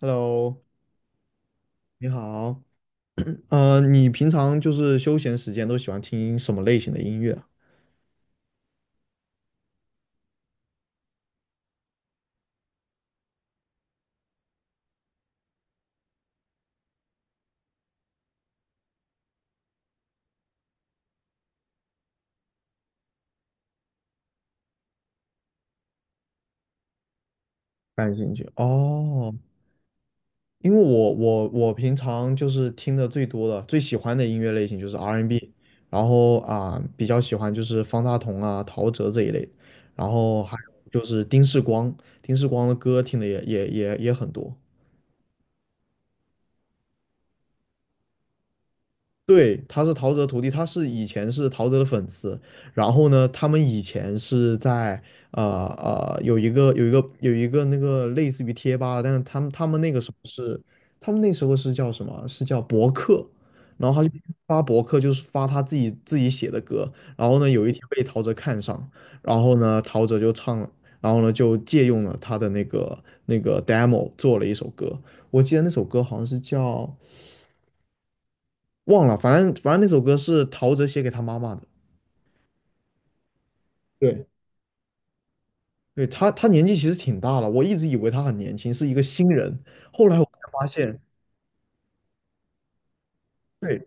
Hello，你好。你平常就是休闲时间都喜欢听什么类型的音乐啊？感兴趣哦，因为我平常就是听的最多的、最喜欢的音乐类型就是 R&B，n 然后啊、比较喜欢就是方大同啊、陶喆这一类，然后还有就是丁世光，丁世光的歌听的也很多。对，他是陶喆徒弟，他是以前是陶喆的粉丝，然后呢，他们以前是在有一个那个类似于贴吧，但是他们那个时候是他们那时候是叫什么？是叫博客，然后他就发博客，就是发他自己写的歌，然后呢，有一天被陶喆看上，然后呢，陶喆就唱，然后呢就借用了他的那个 demo 做了一首歌，我记得那首歌好像是叫。忘了，反正那首歌是陶喆写给他妈妈的。对，对，他年纪其实挺大了，我一直以为他很年轻，是一个新人。后来我才发现，对，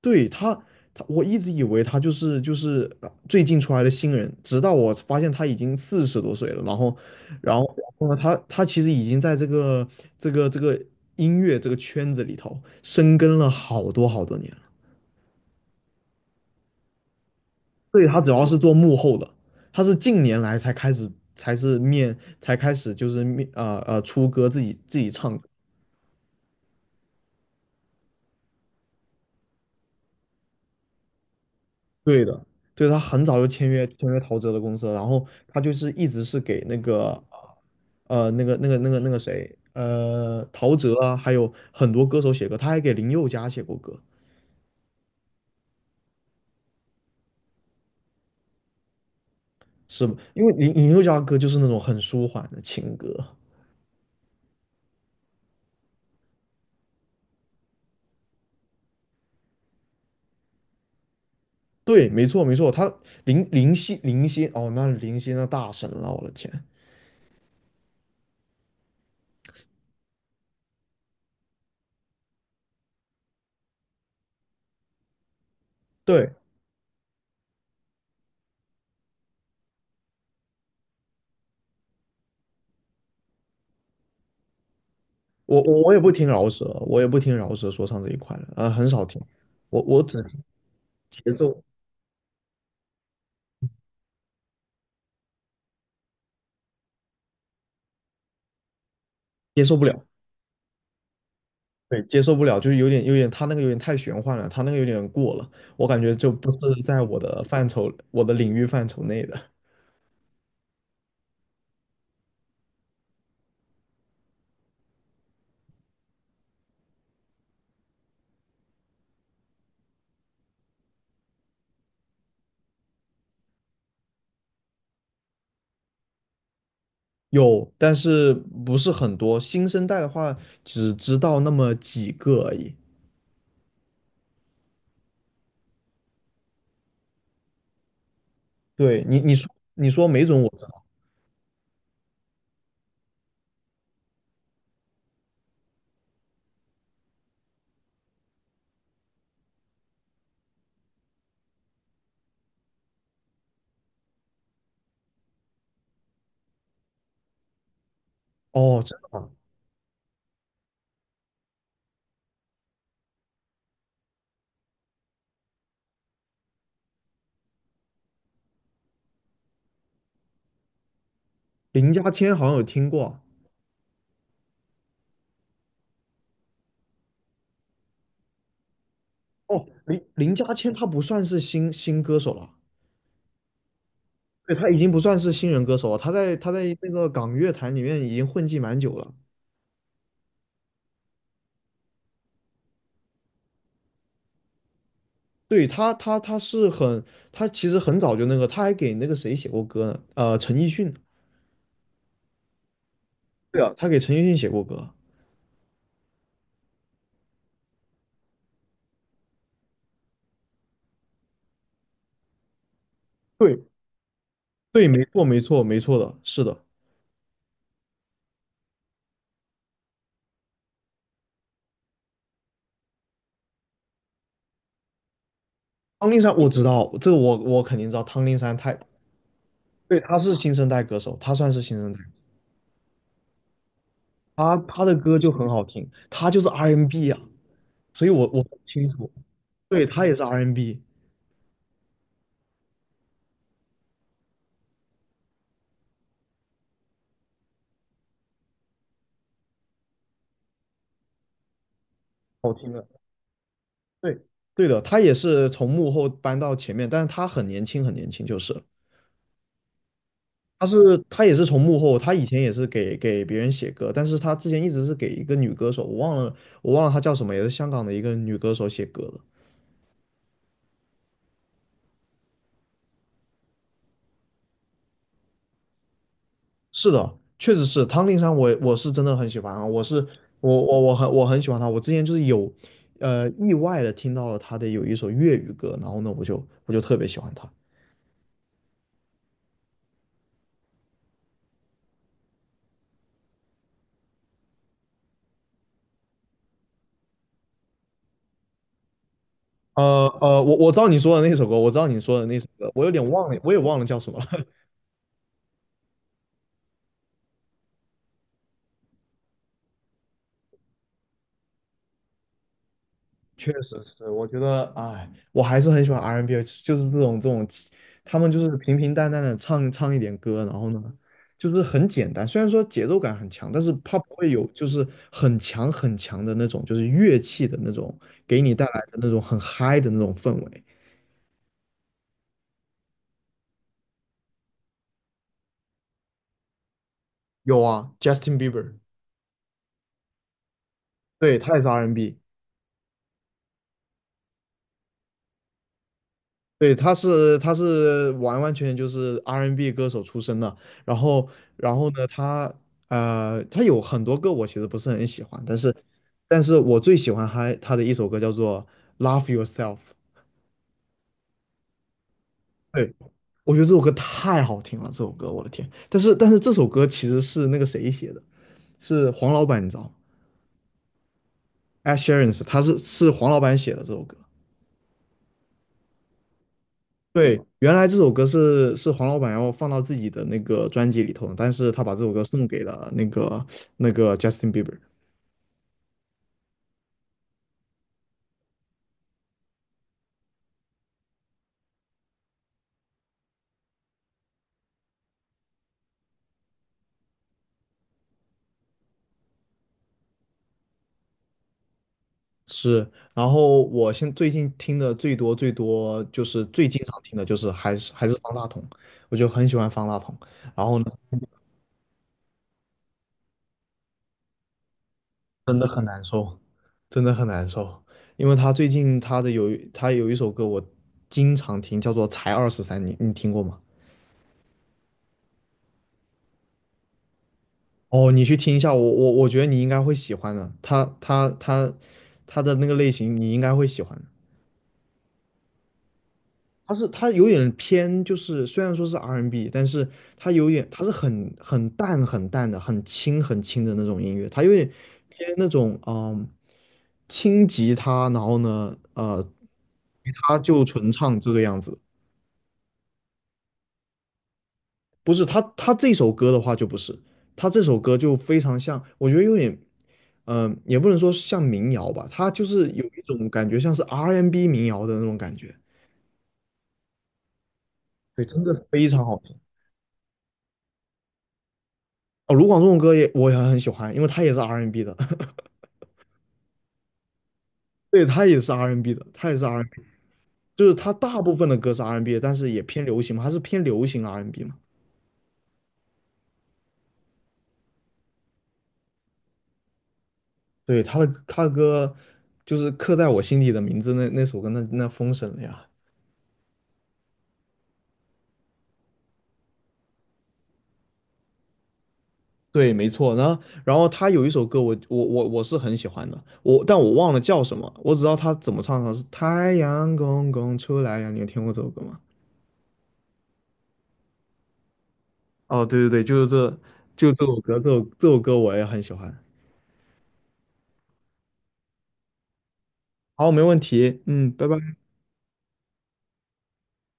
对，我一直以为他就是最近出来的新人，直到我发现他已经40多岁了。然后，然后呢，他其实已经在这个这个音乐这个圈子里头深耕了好多好多年。对，他主要是做幕后的，他是近年来才开始，才是面，才开始就是面，出歌自己唱歌对的，对，他很早就签约陶喆的公司了，然后他就是一直是给那个陶喆啊，还有很多歌手写歌，他还给林宥嘉写过歌，是吗？因为林宥嘉的歌就是那种很舒缓的情歌。对，没错没错，他林夕哦，那林夕那大神了，我的天。对，我也不听饶舌，我也不听饶舌说唱这一块的，很少听，我只听节奏接受不了，对，接受不了，就是有点他那个有点太玄幻了，他那个有点过了，我感觉就不是在我的范畴，我的领域范畴内的。有，但是不是很多。新生代的话，只知道那么几个而已。对你，你说没准我知道。哦，真的吗？林家谦好像有听过啊。哦，林家谦他不算是新歌手了。对，他已经不算是新人歌手了，他在那个港乐坛里面已经混迹蛮久了。对，他其实很早就那个，他还给那个谁写过歌呢？陈奕迅。对啊，他给陈奕迅写过歌。对，对，没错，没错，没错的，是的。汤令山我知道，这个我肯定知道。汤令山太，对，他是新生代歌手，他算是新生代，他的歌就很好听，他就是 R&B n 啊，所以我很清楚，对，他也是 R&B n。好听的。对，对的，他也是从幕后搬到前面，但是他很年轻，很年轻，就是了他也是从幕后，他以前也是给别人写歌，但是他之前一直是给一个女歌手，我忘了她叫什么，也是香港的一个女歌手写歌的。是的，确实是汤令山我是真的很喜欢啊，我是我我我很我很喜欢他，我之前就是有意外的听到了他的有一首粤语歌，然后呢我就特别喜欢他。我知道你说的那首歌，我知道你说的那首歌，我有点忘了，我也忘了叫什么了。确实是，我觉得，哎，我还是很喜欢 R&B，n 就是这种，他们就是平平淡淡的唱唱一点歌，然后呢，就是很简单，虽然说节奏感很强，但是它不会有就是很强很强的那种，就是乐器的那种给你带来的那种很嗨的那种氛围。有啊，Justin Bieber，对，他也是 R&B n。对，他是完完全全就是 R&B n 歌手出身的，然后然后呢，他有很多歌我其实不是很喜欢，但是我最喜欢他的一首歌叫做《Love Yourself》，对，我觉得这首歌太好听了，这首歌我的天！但是这首歌其实是那个谁写的，是黄老板，你知道吗？Ed s h e r a n 是他是是黄老板写的这首歌，对，原来这首歌是黄老板要放到自己的那个专辑里头的但是他把这首歌送给了那个 Justin Bieber。是，然后我现最近听的最多最多就是最经常听的就是还是方大同，我就很喜欢方大同。然后呢，真的很难受，因为他最近他的有一他有一首歌我经常听，叫做《才23》，你听过吗？哦，你去听一下，我觉得你应该会喜欢的，他的那个类型你应该会喜欢的他有点偏，就是虽然说是 R&B，n 但是他有点他是很淡很淡的，很轻很轻的那种音乐，他有点偏那种轻吉他，然后呢吉他就纯唱这个样子。不是他这首歌的话就不是，他这首歌就非常像，我觉得有点，也不能说像民谣吧，他就是有一种感觉像是 R&B n 民谣的那种感觉，对，真的非常好听。哦，卢广仲的歌也我也很喜欢，因为他也是 R&B n 的，对，他也是 R&B n 的，他也是 R&B，n 就是他大部分的歌是 R&B，n 但是也偏流行嘛，他是偏流行 R&B n 嘛，对，他的歌就是刻在我心底的名字那首歌那封神了呀。对，没错。然后他有一首歌我是很喜欢的，我但我忘了叫什么，我只知道他怎么唱的，是太阳公公出来呀。你有听过这首歌吗？哦，对对对，就是这，就这首歌，这首歌我也很喜欢。好，没问题。嗯，拜拜。